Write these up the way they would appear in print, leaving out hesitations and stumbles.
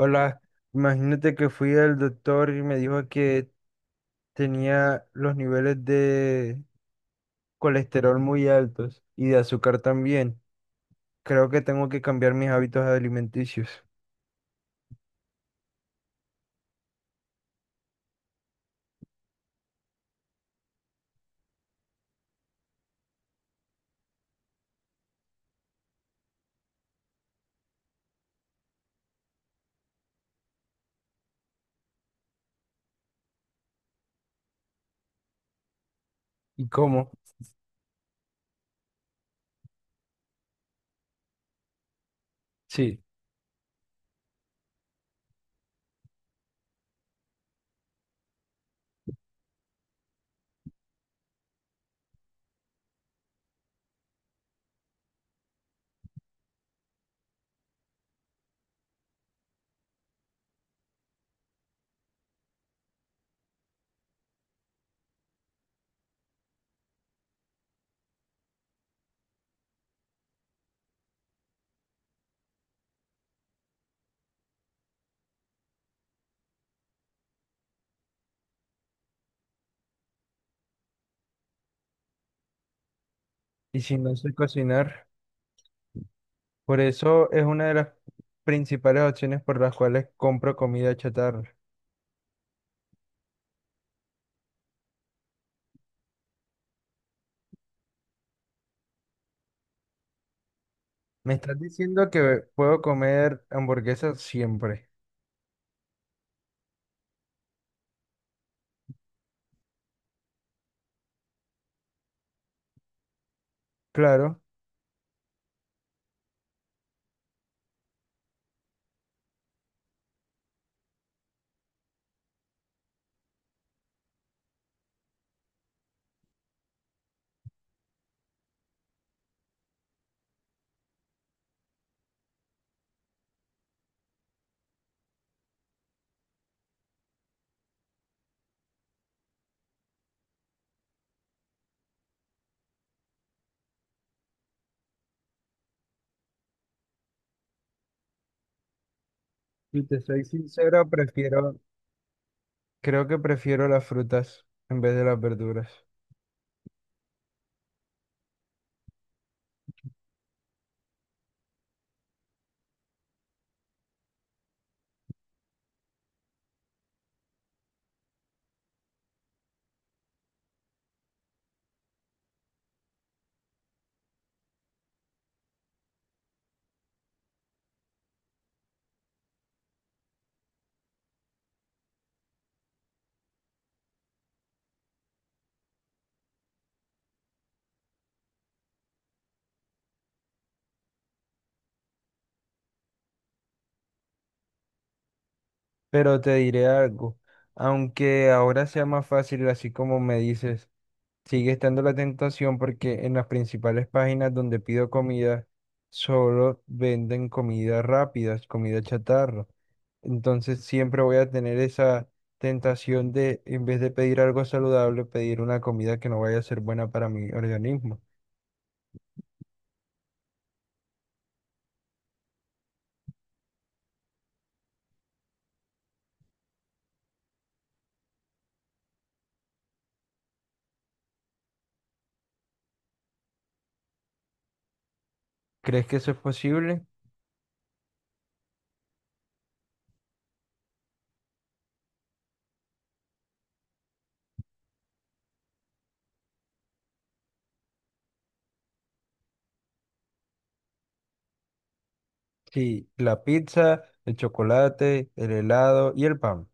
Hola, imagínate que fui al doctor y me dijo que tenía los niveles de colesterol muy altos y de azúcar también. Creo que tengo que cambiar mis hábitos alimenticios. ¿Y cómo? Sí. Y si no sé cocinar, por eso es una de las principales opciones por las cuales compro comida chatarra. ¿Me estás diciendo que puedo comer hamburguesas siempre? Claro. Si te soy sincero, prefiero Creo que prefiero las frutas en vez de las verduras. Pero te diré algo, aunque ahora sea más fácil, así como me dices, sigue estando la tentación porque en las principales páginas donde pido comida solo venden comida rápida, comida chatarra. Entonces siempre voy a tener esa tentación de, en vez de pedir algo saludable, pedir una comida que no vaya a ser buena para mi organismo. ¿Crees que eso es posible? Sí, la pizza, el chocolate, el helado y el pan.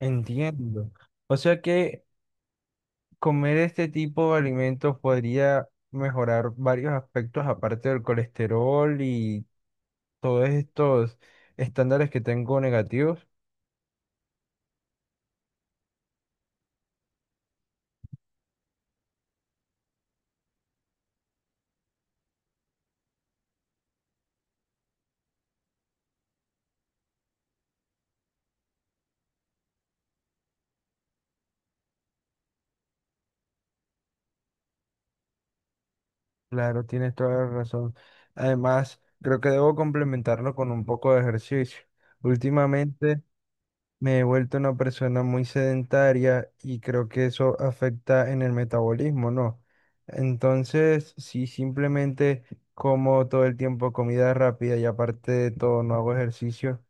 Entiendo. O sea que comer este tipo de alimentos podría mejorar varios aspectos aparte del colesterol y todos estos estándares que tengo negativos. Claro, tienes toda la razón. Además, creo que debo complementarlo con un poco de ejercicio. Últimamente me he vuelto una persona muy sedentaria y creo que eso afecta en el metabolismo, ¿no? Entonces, si simplemente como todo el tiempo comida rápida y aparte de todo no hago ejercicio,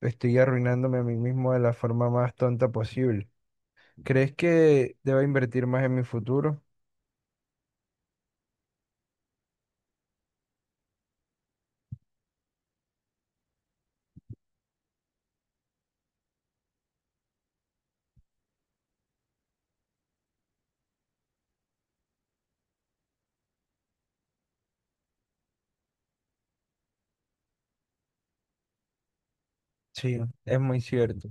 estoy arruinándome a mí mismo de la forma más tonta posible. ¿Crees que debo invertir más en mi futuro? Sí, es muy cierto.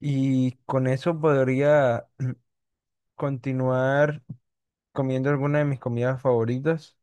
Y con eso podría continuar comiendo alguna de mis comidas favoritas.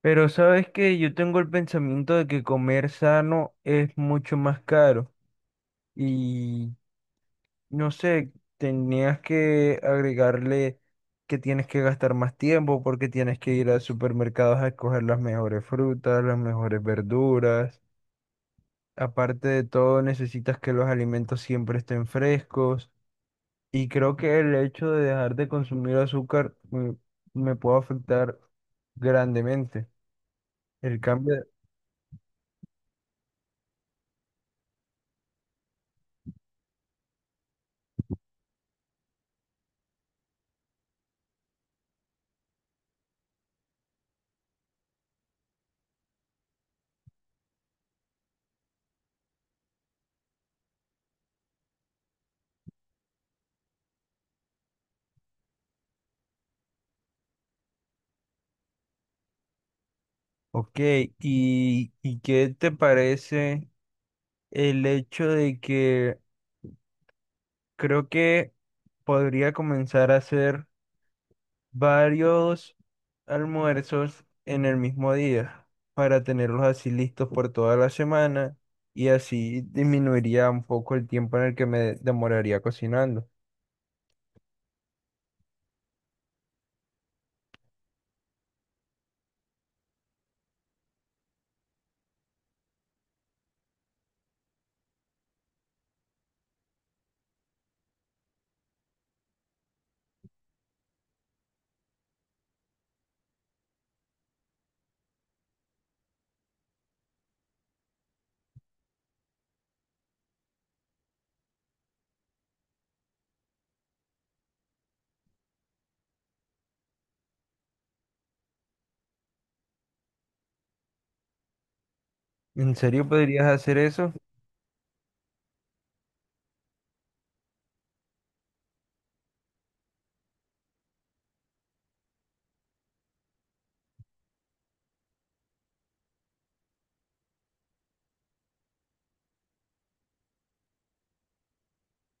Pero sabes que yo tengo el pensamiento de que comer sano es mucho más caro y no sé, tenías que agregarle que tienes que gastar más tiempo porque tienes que ir a supermercados a escoger las mejores frutas, las mejores verduras. Aparte de todo, necesitas que los alimentos siempre estén frescos y creo que el hecho de dejar de consumir azúcar me, puede afectar grandemente. El cambio Ok, ¿y qué te parece el hecho de que creo que podría comenzar a hacer varios almuerzos en el mismo día para tenerlos así listos por toda la semana y así disminuiría un poco el tiempo en el que me demoraría cocinando? ¿En serio podrías hacer eso?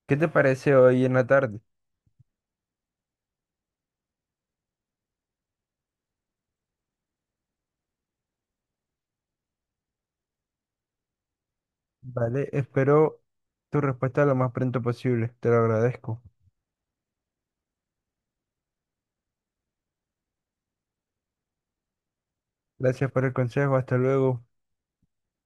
¿Qué te parece hoy en la tarde? Vale, espero tu respuesta lo más pronto posible, te lo agradezco. Gracias por el consejo. Hasta luego.